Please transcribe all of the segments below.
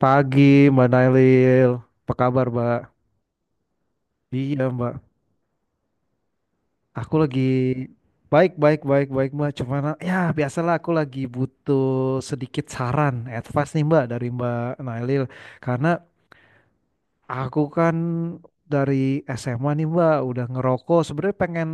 Pagi, Mbak Nailil. Apa kabar, Mbak? Iya, Mbak. Aku lagi baik, baik, baik, baik, Mbak. Cuman, ya biasalah aku lagi butuh sedikit saran, advice nih, Mbak, dari Mbak Nailil. Karena aku kan dari SMA nih, Mbak, udah ngerokok. Sebenarnya pengen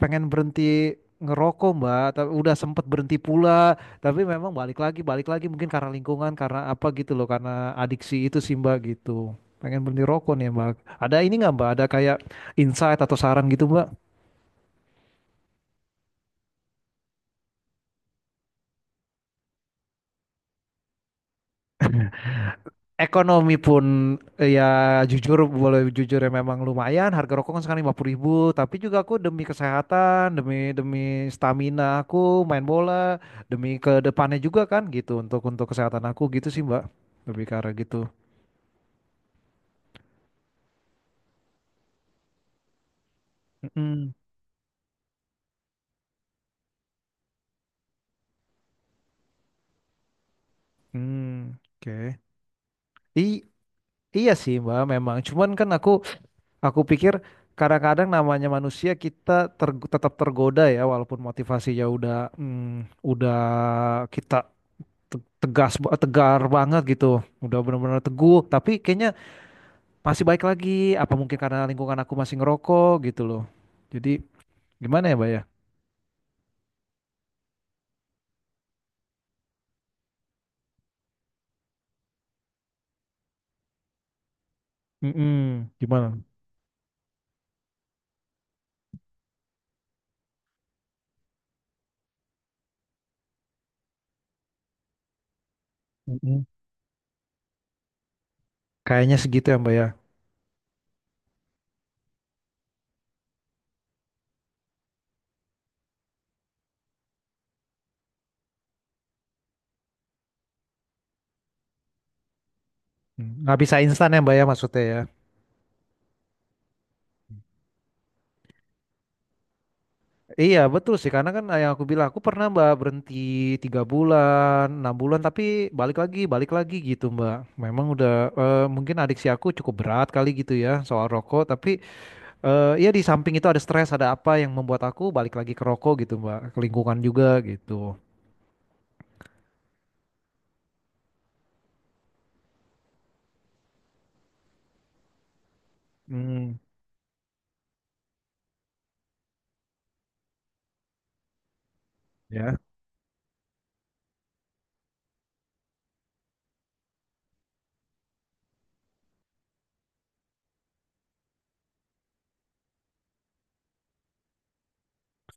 pengen berhenti ngerokok Mbak, tapi udah sempet berhenti pula, tapi memang balik lagi mungkin karena lingkungan, karena apa gitu loh, karena adiksi itu sih Mbak gitu. Pengen berhenti rokok nih Mbak. Ada ini nggak Mbak? Ada kayak insight atau saran gitu Mbak? Ekonomi pun ya jujur boleh jujur ya memang lumayan. Harga rokok kan sekarang 50 ribu, tapi juga aku demi kesehatan, demi demi stamina aku main bola, demi ke depannya juga kan gitu untuk kesehatan aku gitu sih Mbak. Lebih ke arah gitu. Mm, mm, oke. I, iya sih, Mbak, memang. Cuman kan aku pikir kadang-kadang namanya manusia kita tetap tergoda ya walaupun motivasinya mm, udah kita tegar banget gitu. Udah benar-benar teguh, tapi kayaknya masih baik lagi apa mungkin karena lingkungan aku masih ngerokok gitu loh. Jadi gimana ya, Mbak ya? Mm-mm, gimana? Mm-mm. Kayaknya segitu ya, Mbak ya. Nggak bisa instan ya, Mbak ya maksudnya ya. Iya betul sih, karena kan yang aku bilang, aku pernah Mbak berhenti tiga bulan, enam bulan, tapi balik lagi, balik lagi gitu Mbak, memang udah mungkin adiksi aku cukup berat kali gitu ya soal rokok, tapi ya di samping itu ada stres, ada apa yang membuat aku balik lagi ke rokok gitu Mbak, ke lingkungan juga gitu. hmm Ya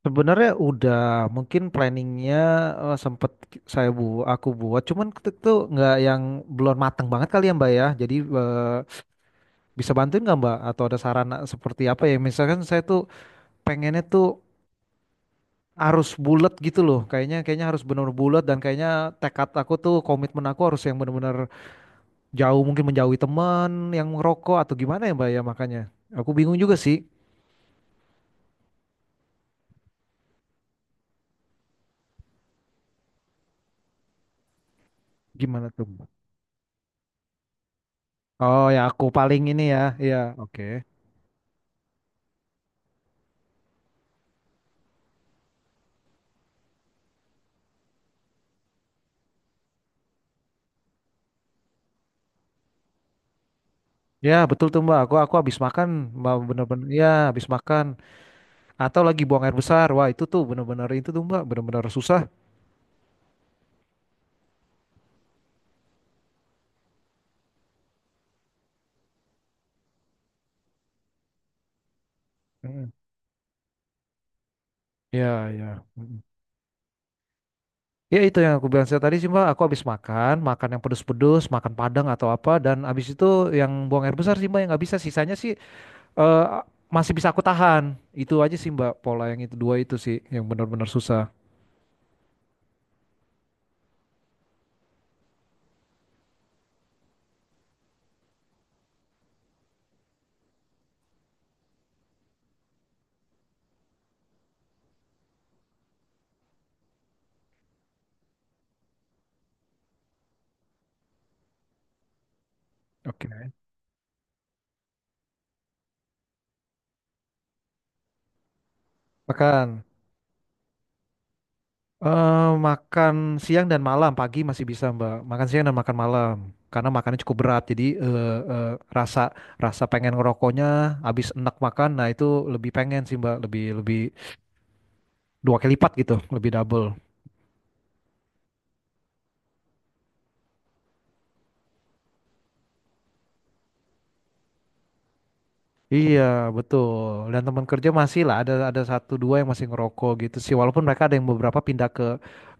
sebenarnya udah, mungkin planningnya sempet saya bu aku buat, cuman itu tuh nggak yang belum mateng banget kali ya Mbak ya, jadi bisa bantuin nggak Mbak? Atau ada saran seperti apa ya? Misalkan saya tuh pengennya tuh harus bulat gitu loh. Kayaknya kayaknya harus benar bulat dan kayaknya tekad aku tuh komitmen aku harus yang benar-benar jauh mungkin menjauhi teman yang merokok atau gimana ya Mbak ya makanya. Aku bingung juga sih gimana tuh Mbak. Oh ya aku paling ini ya. Iya, oke. Ya betul tuh Mbak. Aku habis makan Mbak bener-bener ya habis makan atau lagi buang air besar. Wah, itu tuh bener-bener itu tuh Mbak bener-bener susah. Mm. Ya, ya. Ya itu yang aku bilang saya tadi sih Mbak, aku habis makan, makan yang pedes-pedes, makan Padang atau apa dan habis itu yang buang air besar sih Mbak yang nggak bisa, sisanya sih eh, masih bisa aku tahan. Itu aja sih Mbak, pola yang itu dua itu sih yang benar-benar susah. Oke. Makan. Makan siang dan malam, pagi masih bisa Mbak. Makan siang dan makan malam. Karena makannya cukup berat, jadi rasa rasa pengen ngerokoknya habis enak makan, nah itu lebih pengen sih Mbak, lebih lebih dua kali lipat gitu, lebih double. Iya, betul. Dan teman kerja masih lah ada satu dua yang masih ngerokok gitu sih. Walaupun mereka ada yang beberapa pindah ke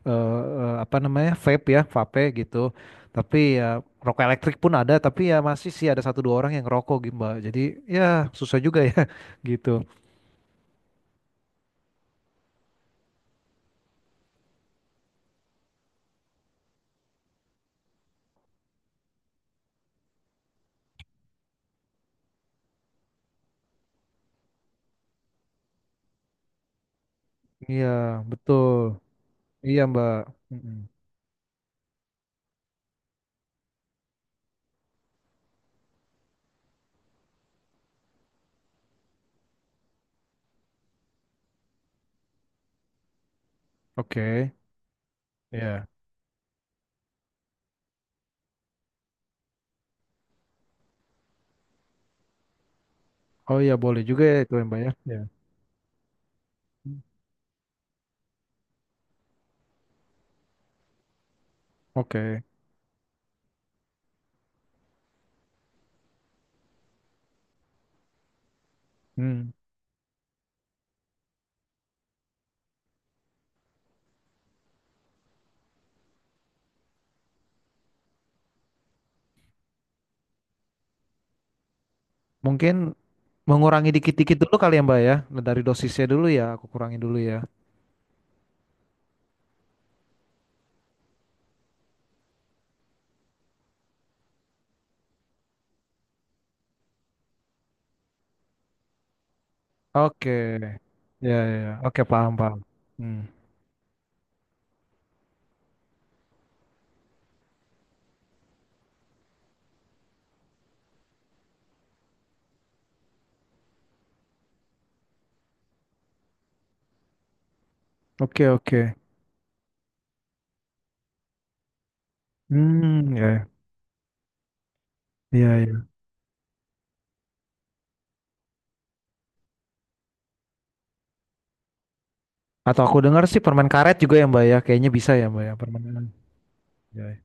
eh, apa namanya vape ya, vape gitu. Tapi ya rokok elektrik pun ada. Tapi ya masih sih ada satu dua orang yang ngerokok gitu Mbak. Jadi ya susah juga ya gitu. Iya, betul. Iya Mbak. Mm-mm. Oke. Iya. Oh iya boleh juga ya itu ya, Mbak ya. Iya. Oke. Hmm. Mungkin mengurangi dikit-dikit dulu kali ya Mbak ya. Dari dosisnya dulu ya, aku kurangin dulu ya. Oke, ya ya, ya. Oke, paham paham. Hmm. Oke oke. Hmm, ya ya ya. Atau aku dengar sih permen karet juga ya Mbak ya, kayaknya bisa ya Mbak ya permen. Ya, ya.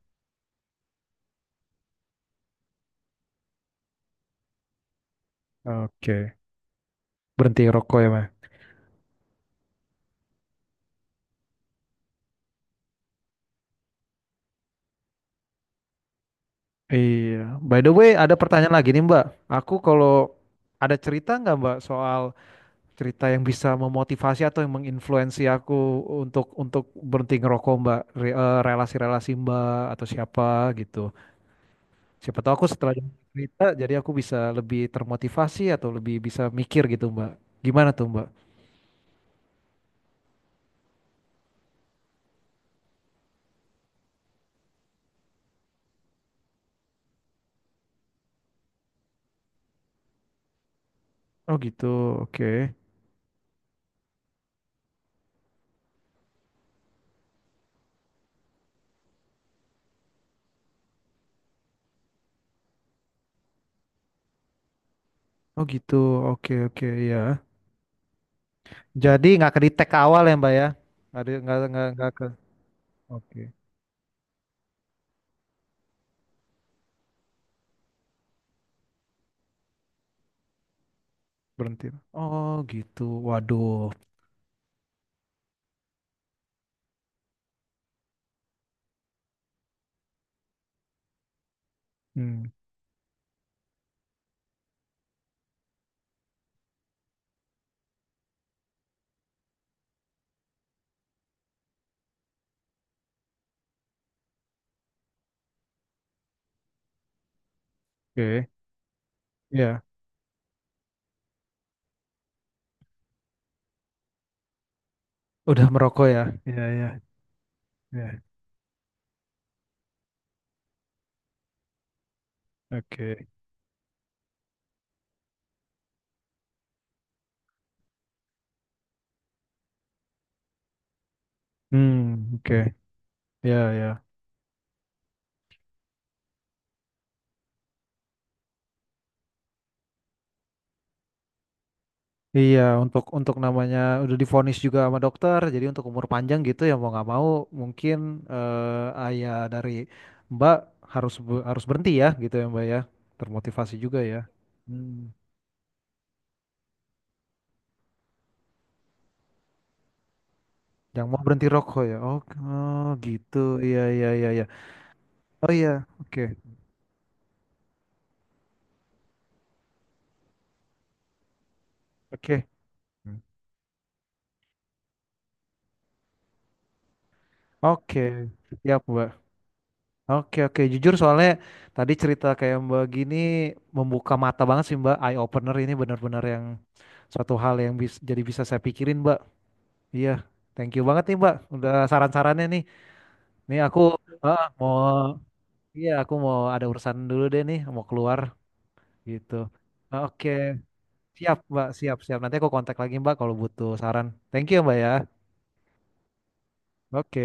Oke, berhenti rokok ya Mbak. Iya. By the way, ada pertanyaan lagi nih Mbak. Aku kalau ada cerita nggak Mbak soal cerita yang bisa memotivasi atau yang menginfluensi aku untuk berhenti ngerokok Mbak, relasi-relasi Mbak atau siapa gitu. Siapa tahu aku setelah dengar cerita jadi aku bisa lebih termotivasi atau lebih bisa mikir gitu, Mbak. Gimana tuh, Mbak? Oh gitu, oke. Oh gitu, oke oke ya. Jadi nggak ke di awal ya, Mbak ya? Nggak di- nggak ke. Oke, berhenti. Oh gitu, waduh. Hmm, oke. Ya, udah merokok ya? Ya ya ya. Oke. Hmm, oke. Ya ya. Iya, untuk namanya udah divonis juga sama dokter, jadi untuk umur panjang gitu ya mau nggak mau mungkin ayah dari Mbak harus berhenti ya gitu ya Mbak ya, termotivasi juga ya. Hmm. Yang mau berhenti rokok ya, oke, oh, gitu, iya iya iya iya, oh iya, oke oke. Hmm. Oke, siap Mbak. Oke oke, jujur soalnya tadi cerita kayak Mbak gini membuka mata banget sih Mbak, eye opener ini benar-benar yang suatu hal yang bisa jadi bisa saya pikirin Mbak. Iya, thank you banget nih Mbak, udah saran-sarannya nih. Nih aku ah, mau, iya aku mau ada urusan dulu deh nih, mau keluar gitu. Oke, siap Mbak, siap siap. Nanti aku kontak lagi Mbak kalau butuh saran. Thank you Mbak ya. Oke.